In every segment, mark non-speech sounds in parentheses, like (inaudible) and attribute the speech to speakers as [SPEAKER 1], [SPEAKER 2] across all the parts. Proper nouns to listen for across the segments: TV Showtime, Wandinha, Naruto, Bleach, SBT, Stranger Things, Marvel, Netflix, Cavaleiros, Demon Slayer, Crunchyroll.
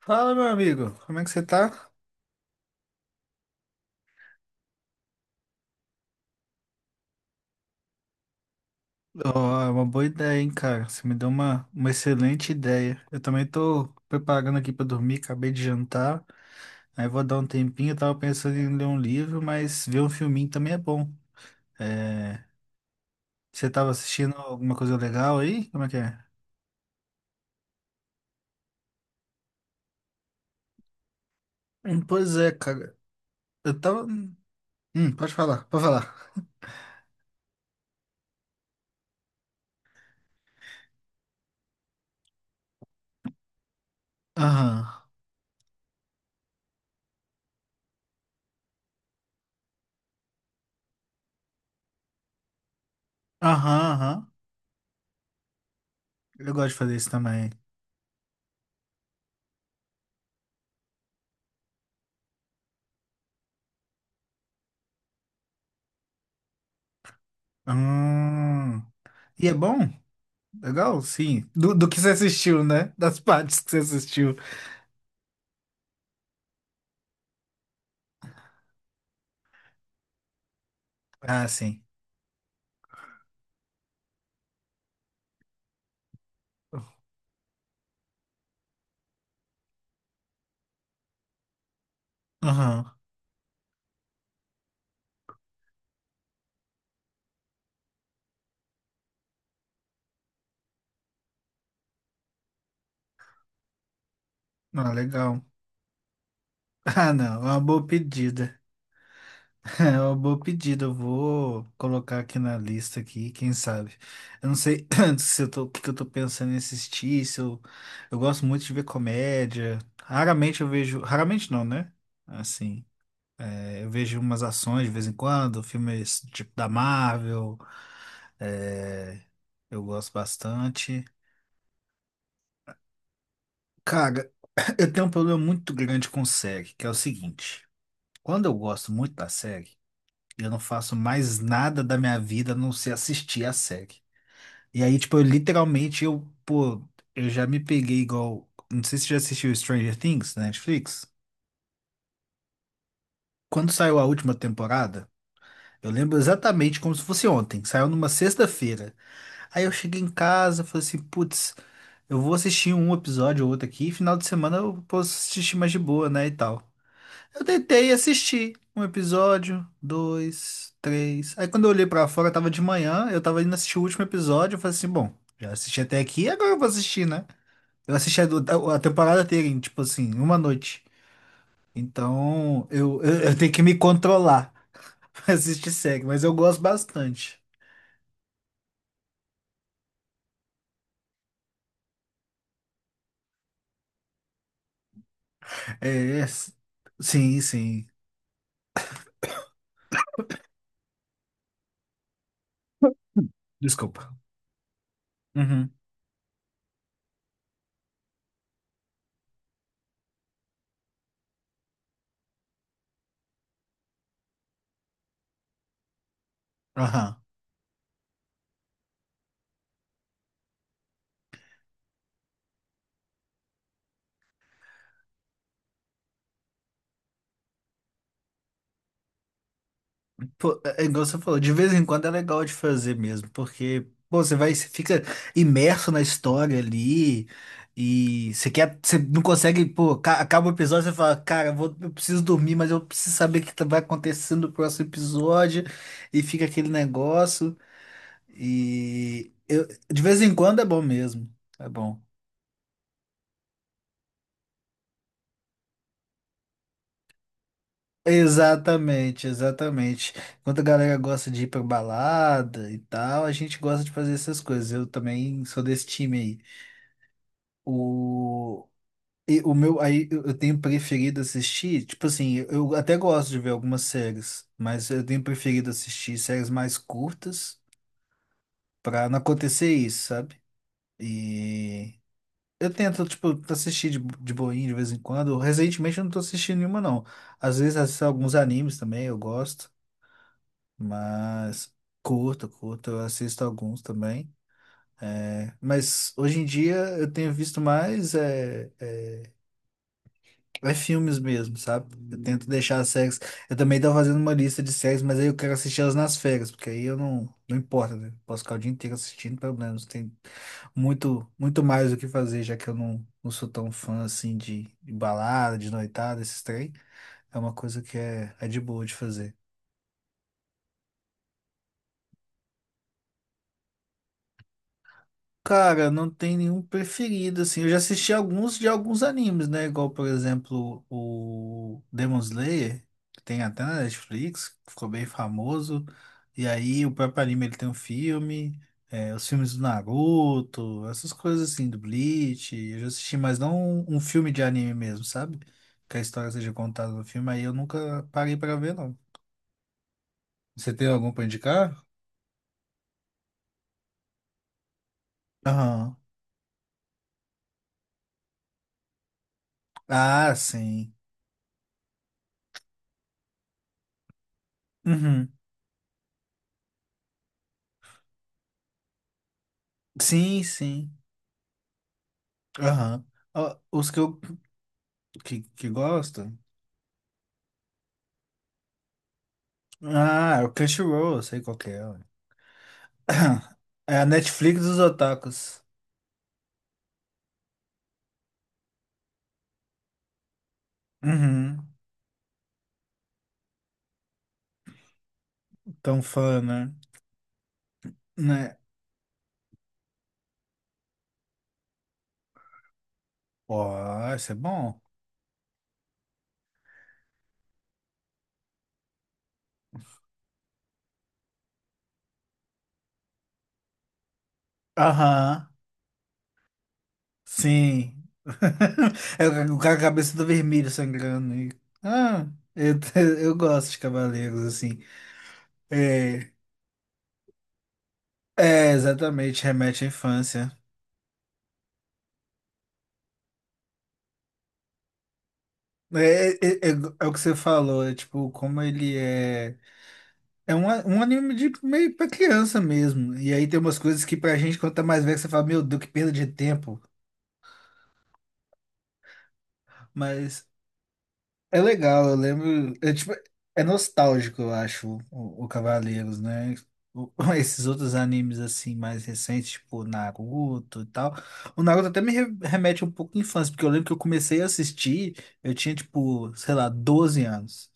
[SPEAKER 1] Fala, meu amigo, como é que você tá? Ó, é uma boa ideia, hein, cara? Você me deu uma excelente ideia. Eu também tô preparando aqui pra dormir, acabei de jantar, aí vou dar um tempinho. Eu tava pensando em ler um livro, mas ver um filminho também é bom. É, você tava assistindo alguma coisa legal aí? Como é que é? Pois é, cara. Eu tava. Pode falar, pode falar. Aham, aham, aham. Eu gosto de fazer isso também. Hum. E é bom? Legal, sim. Do que você assistiu, né? Das (laughs) partes que você assistiu. Ah, sim. Aham. Ah, legal. (laughs) Ah, não. É uma boa pedida. (laughs) É uma boa pedida. Eu vou colocar aqui na lista aqui, quem sabe. Eu não sei (clears throat) se eu tô, o que que eu tô pensando em assistir, se eu, eu gosto muito de ver comédia. Raramente eu vejo. Raramente não, né? Assim. Eu vejo umas ações de vez em quando, filmes tipo da Marvel. é, eu gosto bastante. Cara, (coughs) (clears throat) eu tenho um problema muito grande com série, que é o seguinte: quando eu gosto muito da série, eu não faço mais nada da minha vida a não ser assistir a série. E aí, tipo, eu literalmente, eu, pô, eu já me peguei igual. Não sei se você já assistiu Stranger Things na Netflix. Quando saiu a última temporada, eu lembro exatamente como se fosse ontem. Saiu numa sexta-feira. Aí eu cheguei em casa, falei assim, putz, eu vou assistir um episódio ou outro aqui, e final de semana eu posso assistir mais de boa, né, e tal. Eu tentei assistir um episódio, dois, três. Aí quando eu olhei pra fora, tava de manhã, eu tava indo assistir o último episódio, eu falei assim, bom, já assisti até aqui, agora eu vou assistir, né? Eu assisti a temporada inteira, tipo assim, em uma noite. Então, eu tenho que me controlar (laughs) pra assistir série, mas eu gosto bastante. É, sim, sim. Desculpa. Uhum. Aham. Pô, é igual você falou, de vez em quando é legal de fazer mesmo, porque pô, você vai, você fica imerso na história ali e você quer, você não consegue, pô, acaba o episódio, você fala, cara, eu vou, eu preciso dormir, mas eu preciso saber o que vai acontecer no próximo episódio e fica aquele negócio e eu, de vez em quando é bom mesmo, é bom. Exatamente, exatamente. Enquanto a galera gosta de ir pra balada e tal, a gente gosta de fazer essas coisas. Eu também sou desse time aí. O, e o meu, aí eu tenho preferido assistir, tipo assim, eu até gosto de ver algumas séries, mas eu tenho preferido assistir séries mais curtas pra não acontecer isso, sabe? E eu tento, tipo, assistir de boinha de vez em quando. Recentemente eu não tô assistindo nenhuma, não. Às vezes assisto alguns animes também, eu gosto, mas curto, curto, eu assisto alguns também. É, mas hoje em dia eu tenho visto mais. É filmes mesmo, sabe? Eu tento deixar as séries. Eu também tô fazendo uma lista de séries, mas aí eu quero assistir elas nas férias, porque aí eu não. Não importa, né? Posso ficar o dia inteiro assistindo, pelo menos. Tem muito, muito mais o que fazer, já que eu não sou tão fã assim de balada, de noitada, esses trem. É uma coisa que é de boa de fazer. Cara, não tem nenhum preferido, assim. Eu já assisti alguns de alguns animes, né? Igual, por exemplo, o Demon Slayer, que tem até na Netflix, que ficou bem famoso. E aí, o próprio anime, ele tem um filme, os filmes do Naruto, essas coisas assim, do Bleach. Eu já assisti, mas não um filme de anime mesmo, sabe? Que a história seja contada no filme, aí eu nunca parei pra ver, não. Você tem algum pra indicar? Aham. Ah, sim. Uhum. Sim, sim. Aham. Ó, os que eu que gosto. Ah, é o Crunchyroll, eu sei qual que é. Ué. (clears throat) É a Netflix dos otakus. Uhum. Tão fã, né? Né? Ó, isso é bom. Aham. Sim. (laughs) É o cara com a cabeça do vermelho sangrando. Ah, eu, (laughs) eu gosto de cavaleiros, assim. É, é, exatamente, remete à infância. É, é, é, é o que você falou, é tipo, como ele é. É um anime de meio pra criança mesmo. E aí tem umas coisas que pra gente, quando tá mais velho, você fala, meu Deus, que perda de tempo. Mas é legal, eu lembro. É, tipo, é nostálgico, eu acho, o Cavaleiros, né? O- (laughs) esses outros animes assim, mais recentes, tipo Naruto e tal. O Naruto até me remete um pouco à infância, porque eu lembro que eu comecei a assistir, eu tinha, tipo, sei lá, 12 anos.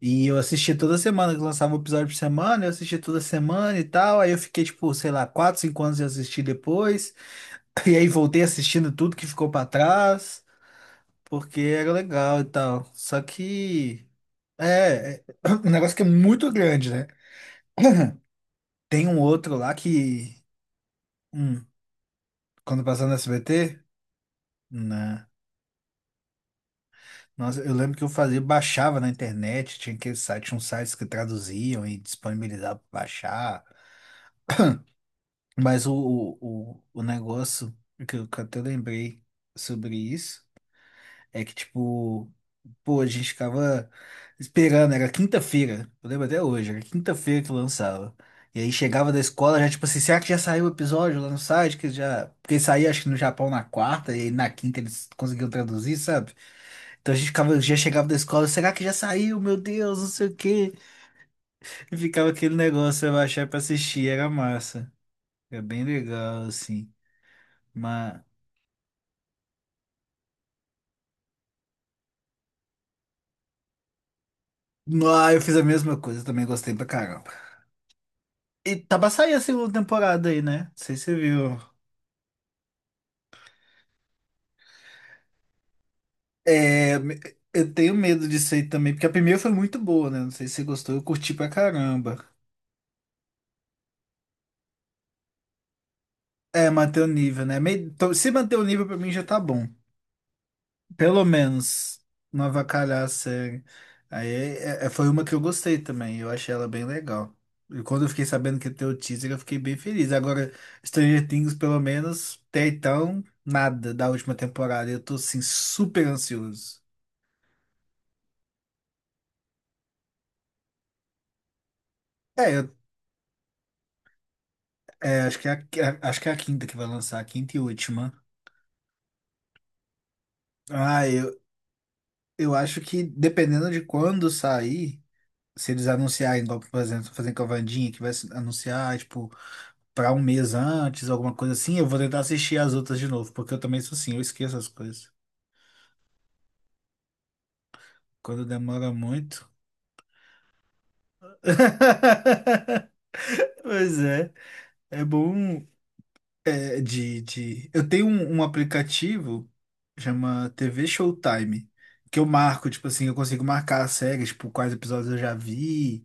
[SPEAKER 1] E eu assisti toda semana, que lançava um episódio por semana, eu assisti toda semana e tal. Aí eu fiquei, tipo, sei lá, 4 5 anos de assistir depois. (laughs) E aí voltei assistindo tudo que ficou pra trás, porque era legal e tal. Só que. É (clears throat) um negócio que é muito grande, né? Tem um outro lá que. hum, Quando passava no SBT, né? Nossa, eu lembro que eu fazia, baixava na internet, tinha aqueles sites, tinha uns sites que traduziam e disponibilizavam pra baixar. Mas o negócio que eu até lembrei sobre isso é que, tipo, pô, a gente ficava esperando, era quinta-feira, eu lembro até hoje, era quinta-feira que lançava. E aí chegava da escola, já tipo assim, será que já saiu o episódio lá no site? Que já... Porque saía acho que no Japão na quarta, e aí na quinta eles conseguiam traduzir, sabe? Então a gente ficava, já chegava da escola, será que já saiu? Meu Deus, não sei o quê. E ficava aquele negócio, eu achar pra assistir, era massa. Era bem legal, assim. Mas. Ah, eu fiz a mesma coisa, também gostei pra caramba. E tá pra sair a segunda temporada aí, né? Não sei se você viu. É, eu tenho medo disso aí também, porque a primeira foi muito boa, né? Não sei se você gostou, eu curti pra caramba. É, manter o nível, né? Então, se manter o nível pra mim já tá bom. Pelo menos não avacalhar a série. Aí foi uma que eu gostei também, eu achei ela bem legal. E quando eu fiquei sabendo que ia ter o teaser, eu fiquei bem feliz. Agora, Stranger Things, pelo menos, até então, nada da última temporada. Eu tô, assim, super ansioso. É, eu, é, acho que é a, quinta que vai lançar, a quinta e última. Ah, eu acho que dependendo de quando sair, se eles anunciarem, igual, por exemplo, fazendo com a Wandinha, que vai se anunciar, tipo. Pra um mês antes, alguma coisa assim, eu vou tentar assistir as outras de novo, porque eu também sou assim, eu esqueço as coisas. Quando demora muito. (laughs) Pois é, é bom. Eu tenho um aplicativo, chama TV Showtime, que eu marco, tipo assim, eu consigo marcar as séries, tipo, quais episódios eu já vi.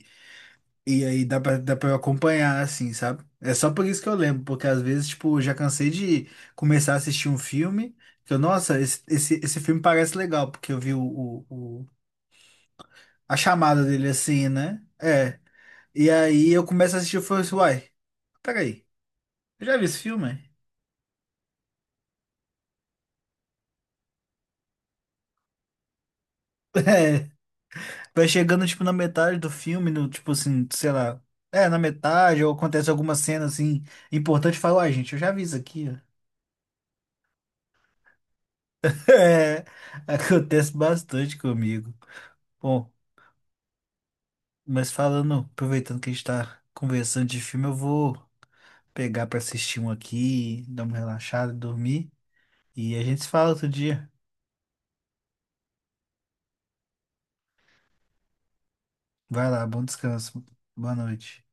[SPEAKER 1] E aí dá pra eu acompanhar, assim, sabe? É só por isso que eu lembro, porque às vezes, tipo, eu já cansei de começar a assistir um filme, que eu, nossa, esse filme parece legal, porque eu vi a chamada dele assim, né? É. E aí eu começo a assistir e eu falo assim, uai, peraí, eu já vi esse filme? (laughs) É. Vai chegando, tipo, na metade do filme, no, tipo assim, sei lá. É, na metade, ou acontece alguma cena, assim, importante, e fala, uai, gente, eu já vi isso aqui, ó. (laughs) É, acontece bastante comigo. Mas falando, aproveitando que a gente tá conversando de filme, eu vou pegar pra assistir um aqui, dar uma relaxada, dormir. E a gente se fala outro dia. Vai lá, bom descanso. Boa noite.